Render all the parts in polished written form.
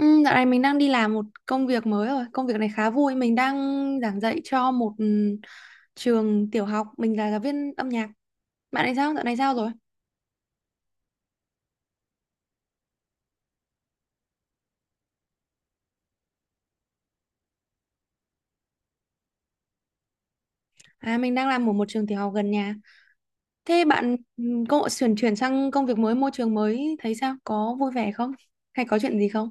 Ừ, dạo này mình đang đi làm một công việc mới rồi. Công việc này khá vui. Mình đang giảng dạy cho một trường tiểu học. Mình là giáo viên âm nhạc. Bạn này sao? Dạo này sao rồi? À, mình đang làm ở một trường tiểu học gần nhà. Thế bạn cô chuyển chuyển sang công việc mới, môi trường mới thấy sao? Có vui vẻ không? Hay có chuyện gì không?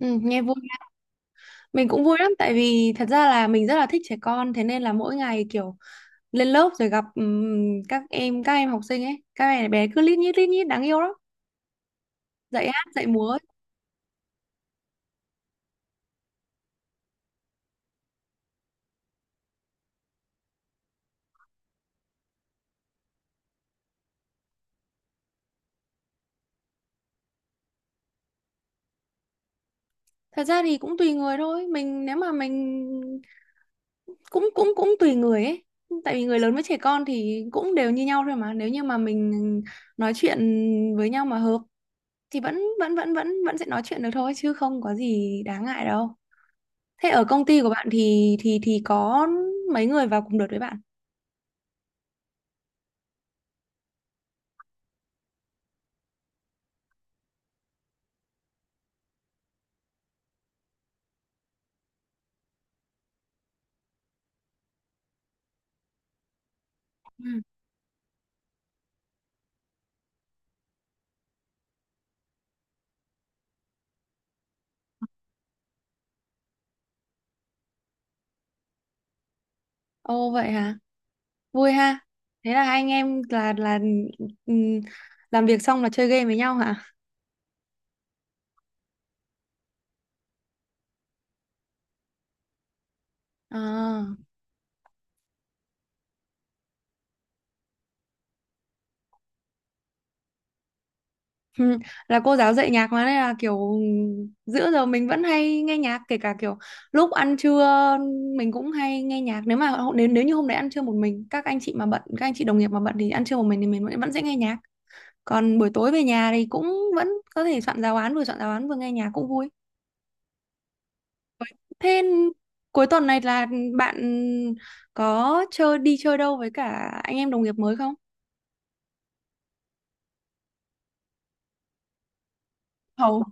Ừ, nghe vui. Mình cũng vui lắm, tại vì thật ra là mình rất là thích trẻ con, thế nên là mỗi ngày kiểu lên lớp rồi gặp các em học sinh ấy, các bé bé cứ lít nhít đáng yêu lắm. Dạy hát, dạy múa, thật ra thì cũng tùy người thôi. Mình nếu mà mình cũng cũng cũng tùy người ấy, tại vì người lớn với trẻ con thì cũng đều như nhau thôi mà. Nếu như mà mình nói chuyện với nhau mà hợp thì vẫn vẫn vẫn vẫn vẫn sẽ nói chuyện được thôi, chứ không có gì đáng ngại đâu. Thế ở công ty của bạn thì thì có mấy người vào cùng đợt với bạn? Ừ. Ồ, vậy hả? Vui ha. Thế là hai anh em là ừm, làm việc xong là chơi game với nhau hả? À. Ừ, là cô giáo dạy nhạc mà, nên là kiểu giữa giờ mình vẫn hay nghe nhạc, kể cả kiểu lúc ăn trưa mình cũng hay nghe nhạc. Nếu mà nếu nếu như hôm đấy ăn trưa một mình, các anh chị mà bận, các anh chị đồng nghiệp mà bận thì ăn trưa một mình thì mình vẫn vẫn sẽ nghe nhạc. Còn buổi tối về nhà thì cũng vẫn có thể soạn giáo án, vừa soạn giáo án vừa nghe nhạc cũng vui. Thế cuối tuần này là bạn có chơi đi chơi đâu với cả anh em đồng nghiệp mới không? Hầu.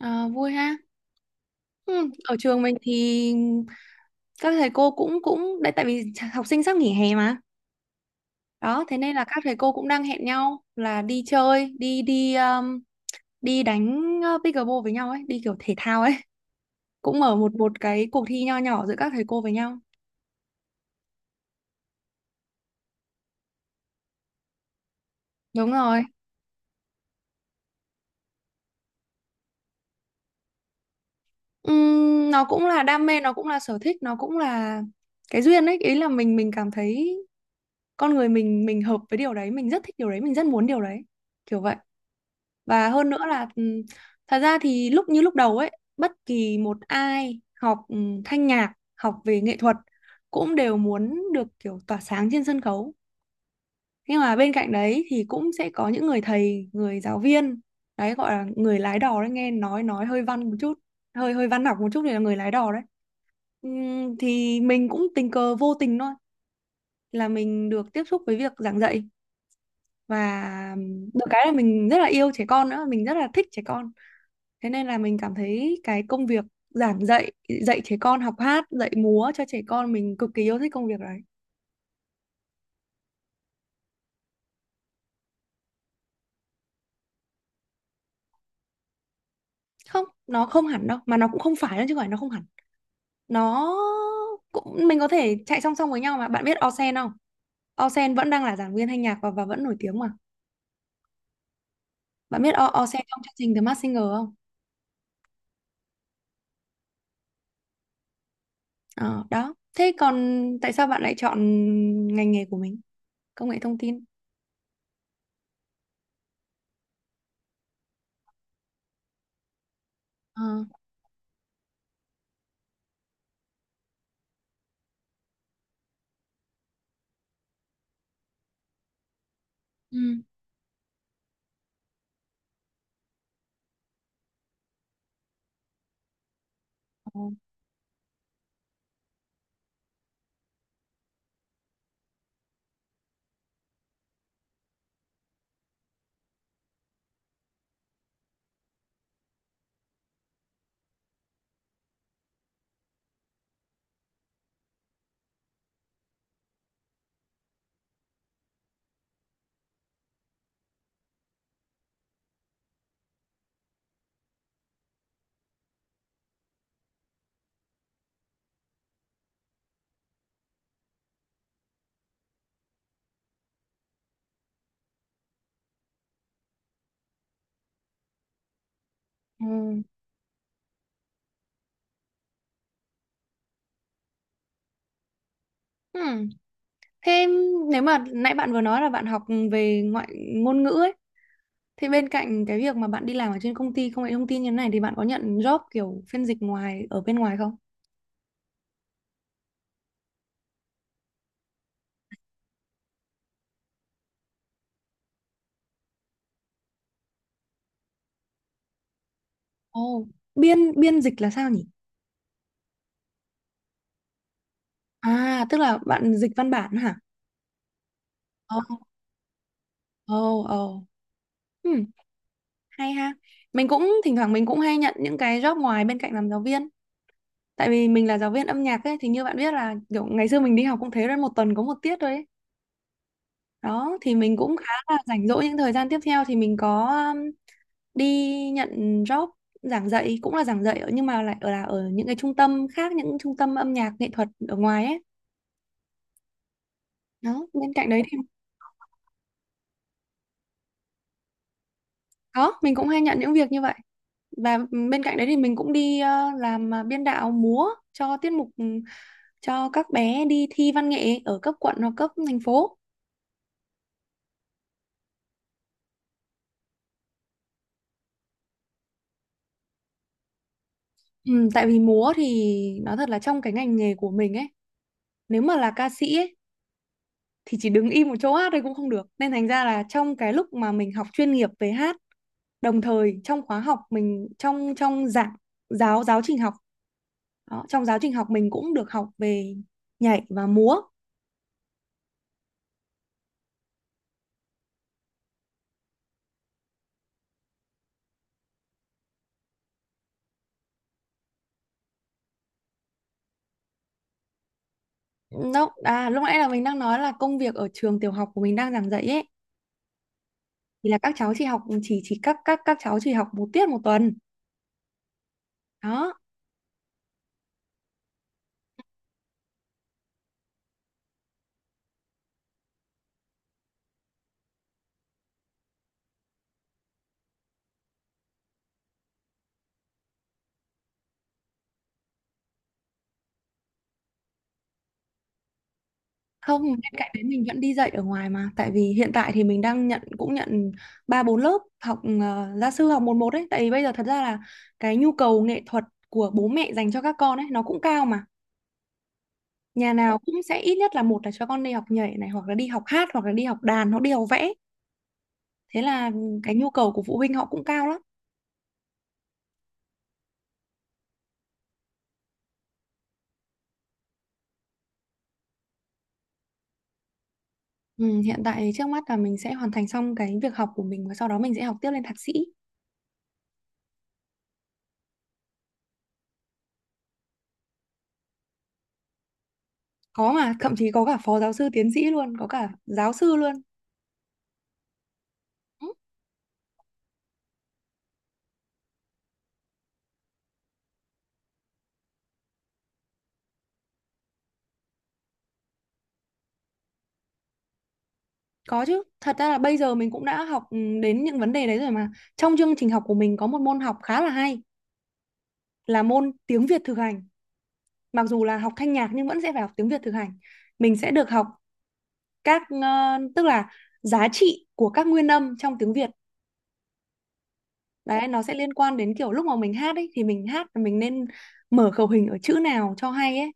À, vui ha. Ừ, ở trường mình thì các thầy cô cũng cũng đấy, tại vì học sinh sắp nghỉ hè mà. Đó thế nên là các thầy cô cũng đang hẹn nhau là đi chơi, đi đi đi đánh pickleball với nhau ấy, đi kiểu thể thao ấy, cũng mở một một cái cuộc thi nho nhỏ giữa các thầy cô với nhau. Đúng rồi. Nó cũng là đam mê, nó cũng là sở thích, nó cũng là cái duyên ấy. Ý là mình cảm thấy con người mình hợp với điều đấy, mình rất thích điều đấy, mình rất muốn điều đấy, kiểu vậy. Và hơn nữa là thật ra thì lúc như lúc đầu ấy, bất kỳ một ai học thanh nhạc, học về nghệ thuật cũng đều muốn được kiểu tỏa sáng trên sân khấu. Nhưng mà bên cạnh đấy thì cũng sẽ có những người thầy, người giáo viên, đấy gọi là người lái đò đấy. Nghe nói hơi văn một chút, hơi hơi văn học một chút, thì là người lái đò đấy. Thì mình cũng tình cờ vô tình thôi là mình được tiếp xúc với việc giảng dạy. Và được cái là mình rất là yêu trẻ con nữa, mình rất là thích trẻ con. Thế nên là mình cảm thấy cái công việc giảng dạy, dạy trẻ con học hát, dạy múa cho trẻ con, mình cực kỳ yêu thích công việc đấy. Không, nó không hẳn đâu, mà nó cũng không phải đâu, chứ không phải nó không hẳn. Nó cũng mình có thể chạy song song với nhau mà. Bạn biết Osen không? Osen vẫn đang là giảng viên thanh nhạc, và vẫn nổi tiếng mà. Bạn biết Osen trong chương trình The Masked Singer không? Ờ, đó. Thế còn tại sao bạn lại chọn ngành nghề của mình? Công nghệ thông tin. Ờ. Ừ. Ờ. Ừ. Ừ. Thế nếu mà nãy bạn vừa nói là bạn học về ngôn ngữ ấy, thì bên cạnh cái việc mà bạn đi làm ở trên công ty công nghệ thông tin như thế này, thì bạn có nhận job kiểu phiên dịch ngoài ở bên ngoài không? Ồ. Biên biên dịch là sao nhỉ? À, tức là bạn dịch văn bản hả? Ồ, ồ, ồ. Ừm, hay ha. Mình cũng thỉnh thoảng mình cũng hay nhận những cái job ngoài bên cạnh làm giáo viên. Tại vì mình là giáo viên âm nhạc ấy, thì như bạn biết là kiểu ngày xưa mình đi học cũng thế rồi, một tuần có một tiết thôi ấy. Đó thì mình cũng khá là rảnh rỗi những thời gian tiếp theo, thì mình có um, đi nhận job giảng dạy, cũng là giảng dạy nhưng mà lại ở là ở những cái trung tâm khác, những trung tâm âm nhạc nghệ thuật ở ngoài ấy. Đó bên cạnh đấy thì có mình cũng hay nhận những việc như vậy. Và bên cạnh đấy thì mình cũng đi làm biên đạo múa cho tiết mục cho các bé đi thi văn nghệ ở cấp quận hoặc cấp thành phố. Ừ, tại vì múa thì nói thật là trong cái ngành nghề của mình ấy, nếu mà là ca sĩ ấy thì chỉ đứng im một chỗ hát thôi cũng không được, nên thành ra là trong cái lúc mà mình học chuyên nghiệp về hát, đồng thời trong khóa học mình, trong trong giảng giáo giáo trình học, đó, trong giáo trình học mình cũng được học về nhảy và múa. Nó à, lúc nãy là mình đang nói là công việc ở trường tiểu học của mình đang giảng dạy ấy, thì là các cháu chỉ học, chỉ các cháu chỉ học một tiết một tuần. Đó. Không, bên cạnh đấy mình vẫn đi dạy ở ngoài mà, tại vì hiện tại thì mình đang nhận, cũng nhận ba bốn lớp học gia sư, học một một ấy, tại vì bây giờ thật ra là cái nhu cầu nghệ thuật của bố mẹ dành cho các con ấy nó cũng cao mà. Nhà nào cũng sẽ ít nhất là một là cho con đi học nhảy này, hoặc là đi học hát, hoặc là đi học đàn, hoặc đi học vẽ. Thế là cái nhu cầu của phụ huynh họ cũng cao lắm. Ừ, hiện tại trước mắt là mình sẽ hoàn thành xong cái việc học của mình, và sau đó mình sẽ học tiếp lên thạc sĩ. Có, mà thậm chí có cả phó giáo sư tiến sĩ luôn, có cả giáo sư luôn. Ừ. Có chứ, thật ra là bây giờ mình cũng đã học đến những vấn đề đấy rồi mà. Trong chương trình học của mình có một môn học khá là hay, là môn tiếng Việt thực hành. Mặc dù là học thanh nhạc nhưng vẫn sẽ phải học tiếng Việt thực hành. Mình sẽ được học các tức là giá trị của các nguyên âm trong tiếng Việt. Đấy, nó sẽ liên quan đến kiểu lúc mà mình hát ấy, thì mình hát là mình nên mở khẩu hình ở chữ nào cho hay ấy.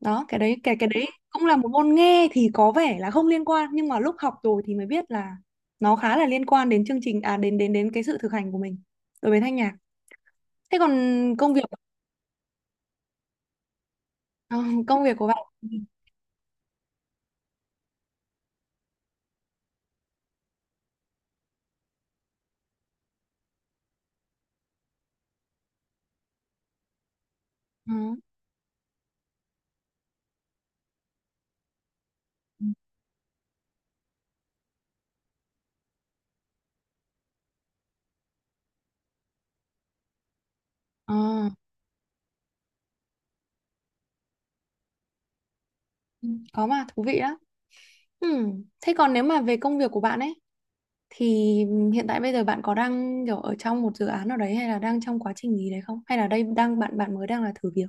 Đó cái đấy, cái đấy cũng là một môn nghe thì có vẻ là không liên quan, nhưng mà lúc học rồi thì mới biết là nó khá là liên quan đến chương trình, à đến đến đến cái sự thực hành của mình đối với thanh nhạc. Thế còn công việc, ờ, công việc của bạn. Ờ, ờ, có mà thú vị đó. Ừ. Thế còn nếu mà về công việc của bạn ấy, thì hiện tại bây giờ bạn có đang kiểu ở trong một dự án nào đấy, hay là đang trong quá trình gì đấy không, hay là đây đang bạn bạn mới đang là thử việc?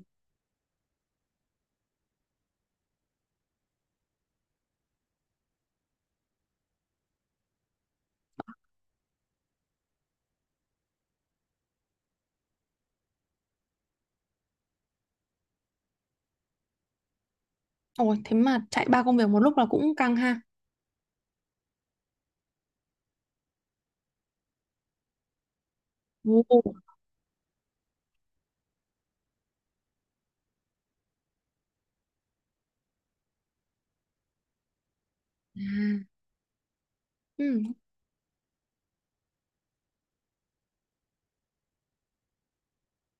Ồ, thế mà chạy ba công việc một lúc là cũng căng ha. Ồ. À. Ừ.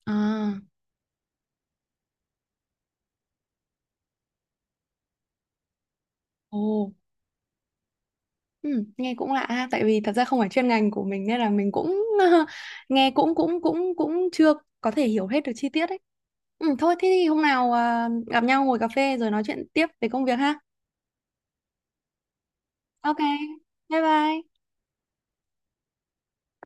À, ồ, ừ, nghe cũng lạ ha, tại vì thật ra không phải chuyên ngành của mình nên là mình cũng nghe cũng cũng cũng cũng chưa có thể hiểu hết được chi tiết ấy. Ừ, thôi thế thì hôm nào, à, gặp nhau ngồi cà phê rồi nói chuyện tiếp về công việc ha. Ok, bye bye.